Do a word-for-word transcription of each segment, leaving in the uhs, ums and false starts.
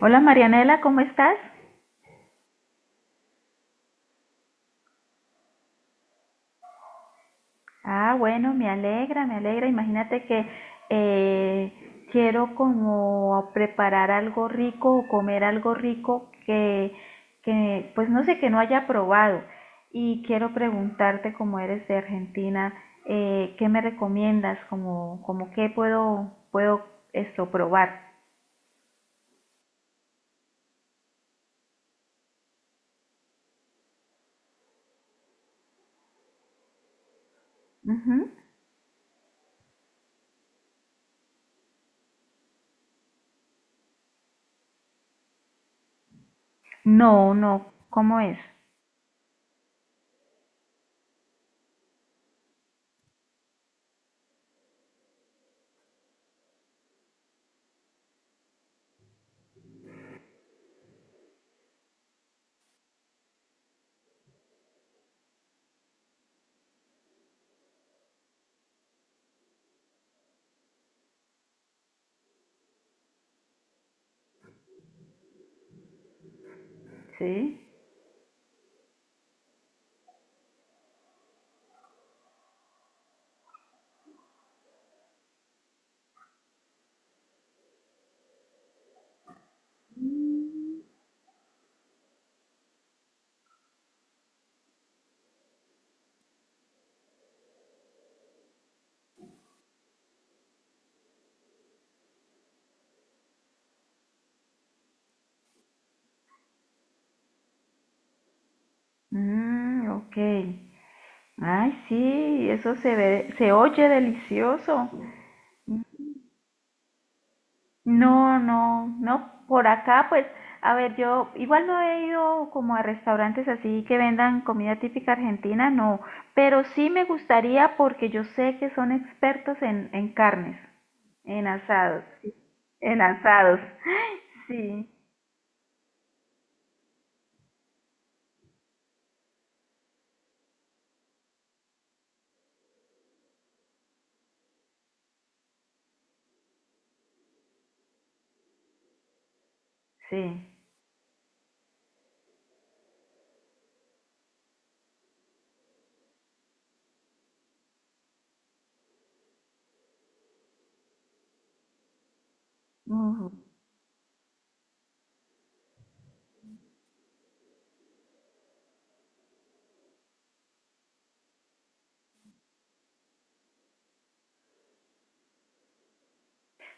Hola Marianela, ¿cómo estás? Ah, bueno, me alegra, me alegra. Imagínate que eh, quiero como preparar algo rico o comer algo rico que, que, pues no sé, que no haya probado. Y quiero preguntarte, como eres de Argentina, eh, ¿qué me recomiendas? Como, como qué puedo, puedo esto probar. Ujú. No, no, ¿cómo es? Sí. Mm, ok. Ay, sí, eso se ve, se oye delicioso. No, no, no, por acá pues, a ver, yo igual no he ido como a restaurantes así que vendan comida típica argentina, no, pero sí me gustaría porque yo sé que son expertos en, en carnes, en asados, sí, en asados, sí, sí. Ujú.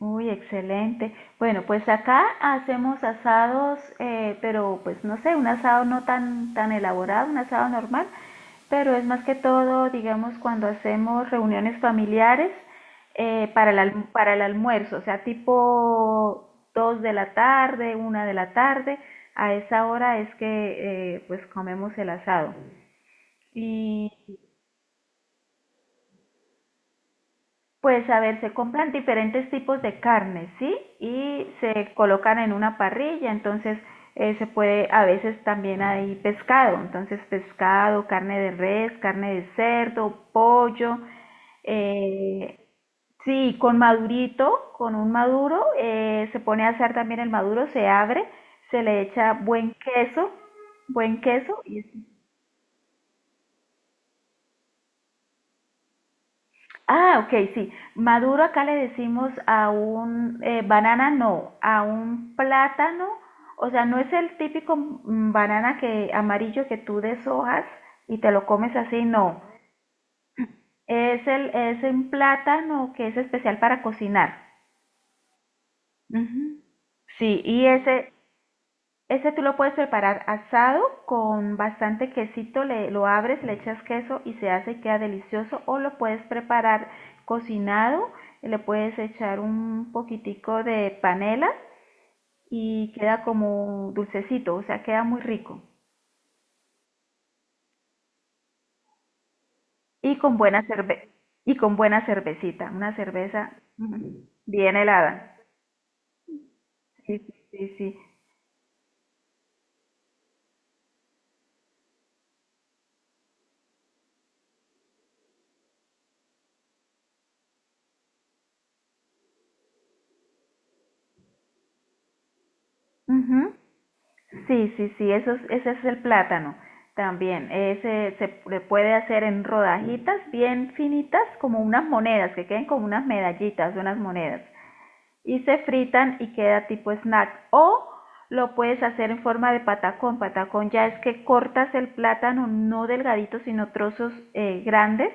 Uy, excelente. Bueno, pues acá hacemos asados, eh, pero pues no sé, un asado no tan, tan elaborado, un asado normal, pero es más que todo, digamos, cuando hacemos reuniones familiares eh, para el, alm- para el almuerzo, o sea, tipo dos de la tarde, una de la tarde, a esa hora es que eh, pues comemos el asado. Y pues a ver, se compran diferentes tipos de carne, ¿sí? Y se colocan en una parrilla, entonces eh, se puede, a veces también hay pescado, entonces pescado, carne de res, carne de cerdo, pollo, eh, sí, con madurito, con un maduro, eh, se pone a asar también el maduro, se abre, se le echa buen queso, buen queso y ah, ok, sí. Maduro acá le decimos a un eh, banana, no, a un plátano. O sea, no es el típico mm, banana que amarillo que tú deshojas y te lo comes así, no. Es el es un plátano que es especial para cocinar. Ujú. Sí, y ese este tú lo puedes preparar asado con bastante quesito, le, lo abres, le echas queso y se hace y queda delicioso. O lo puedes preparar cocinado, le puedes echar un poquitico de panela y queda como dulcecito, o sea, queda muy rico. Y con buena cerve y con buena cervecita, una cerveza, ujú, bien helada. Sí, sí, sí. Sí. Ujú. Sí, sí, sí, eso es- ese es el plátano también. Ese se le puede hacer en rodajitas bien finitas, como unas monedas, que queden como unas medallitas, unas monedas. Y se fritan y queda tipo snack. O lo puedes hacer en forma de patacón. Patacón ya es que cortas el plátano no delgadito, sino trozos eh, grandes,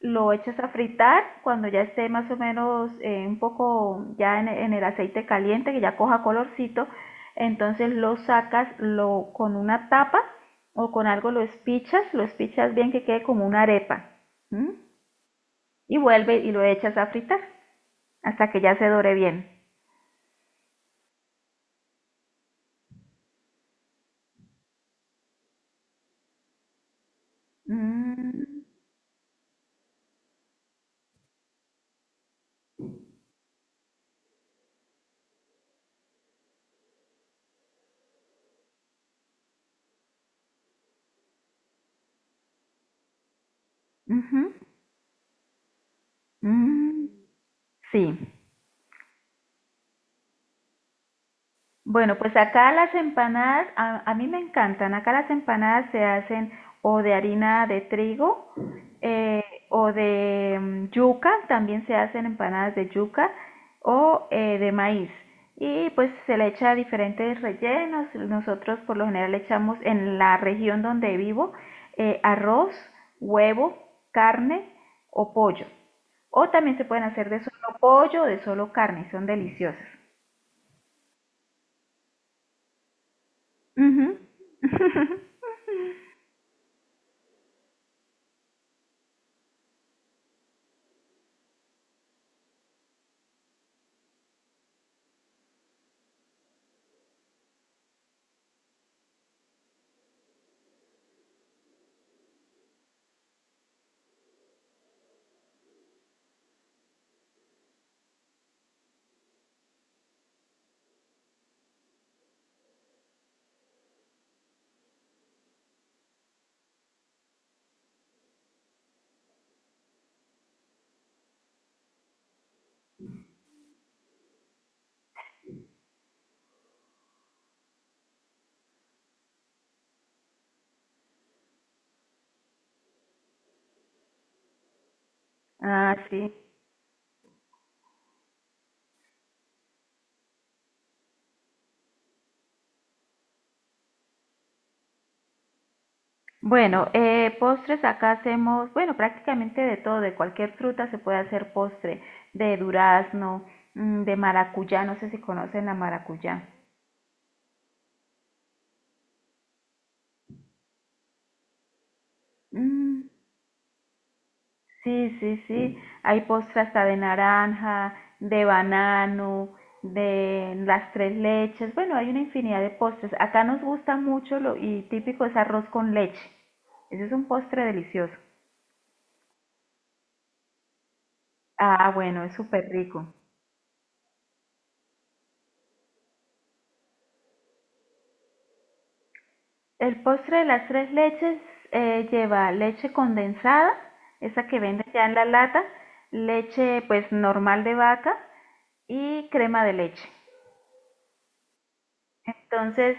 lo echas a fritar cuando ya esté más o menos, eh, un poco ya en, en el aceite caliente, que ya coja colorcito, entonces lo sacas lo, con una tapa o con algo lo espichas, lo espichas bien que quede como una arepa, ¿m? Y vuelve y lo echas a fritar hasta que ya se dore bien. Mm, ujú, mm, sí, bueno, pues acá las empanadas, a, a mí me encantan. Acá las empanadas se hacen o de harina de trigo, eh, o de mm, yuca, también se hacen empanadas de yuca o eh, de maíz. Y pues se le echa diferentes rellenos. Nosotros por lo general le echamos en la región donde vivo eh, arroz, huevo, carne o pollo. O también se pueden hacer de solo pollo o de solo carne, son deliciosas. Ujú. Ah, sí. Bueno, eh, postres acá hacemos, bueno, prácticamente de todo, de cualquier fruta se puede hacer postre, de durazno, mm, de maracuyá, no sé si conocen la maracuyá. Mm, sí, sí, sí, hay postre hasta de naranja, de banano, de las tres leches, bueno, hay una infinidad de postres. Acá nos gusta mucho lo, y típico es arroz con leche. Ese es un postre delicioso. Ah, bueno, es súper rico. El postre de las tres leches eh, lleva leche condensada, esa que venden ya en la lata, leche pues normal de vaca y crema de leche. Entonces,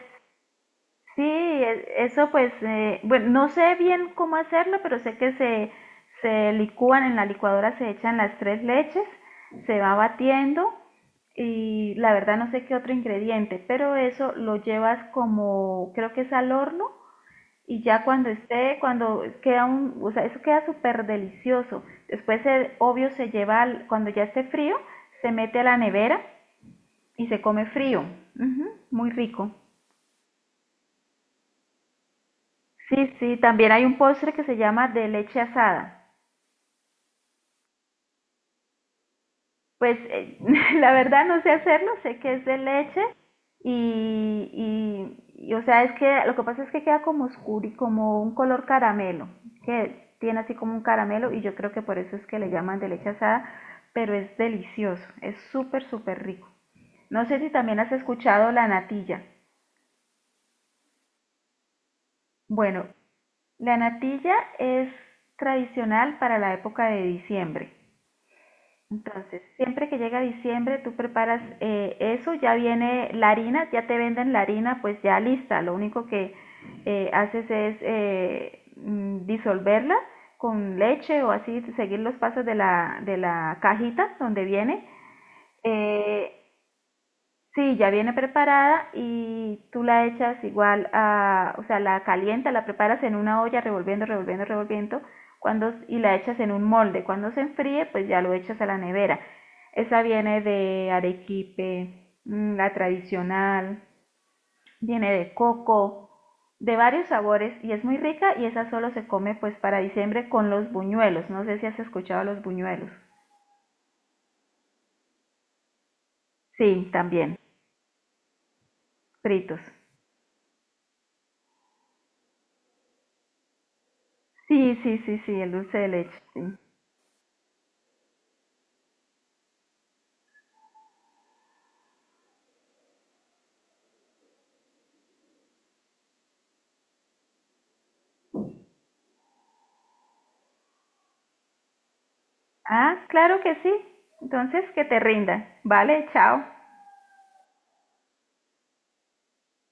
sí, e- eso pues, eh, bueno, no sé bien cómo hacerlo, pero sé que se, se licúan en la licuadora, se echan las tres leches, se va batiendo y la verdad no sé qué otro ingrediente, pero eso lo llevas como, creo que es al horno y ya cuando esté, cuando queda un, o sea, eso queda súper delicioso. Después, el, obvio, se lleva, al- cuando ya esté frío, se mete a la nevera y se come frío. Ujú, muy rico. Sí, sí, también hay un postre que se llama de leche asada. Pues eh, la verdad no sé hacerlo, sé que es de leche y, y, y, o sea, es que lo que pasa es que queda como oscuro y como un color caramelo, que tiene así como un caramelo y yo creo que por eso es que le llaman de leche asada, pero es delicioso, es súper, súper rico. No sé si también has escuchado la natilla. Bueno, la natilla es tradicional para la época de diciembre. Entonces, siempre que llega diciembre, tú preparas eh, eso, ya viene la harina, ya te venden la harina, pues ya lista. Lo único que eh, haces es eh, mm, disolverla con leche o así, seguir los pasos de la, de la cajita donde viene. Eh, Sí, ya viene preparada y tú la echas igual a, o sea, la calientas, la preparas en una olla revolviendo, revolviendo, revolviendo, cuando y la echas en un molde. Cuando se enfríe, pues ya lo echas a la nevera. Esa viene de arequipe, mm, la tradicional, viene de coco, de varios sabores y es muy rica y esa solo se come pues para diciembre con los buñuelos. No sé si has escuchado los buñuelos. Sí, también, fritos. Sí, sí, sí, sí, el dulce de leche, sí. Ah, claro que sí. Entonces, que te rinda. Vale, chao.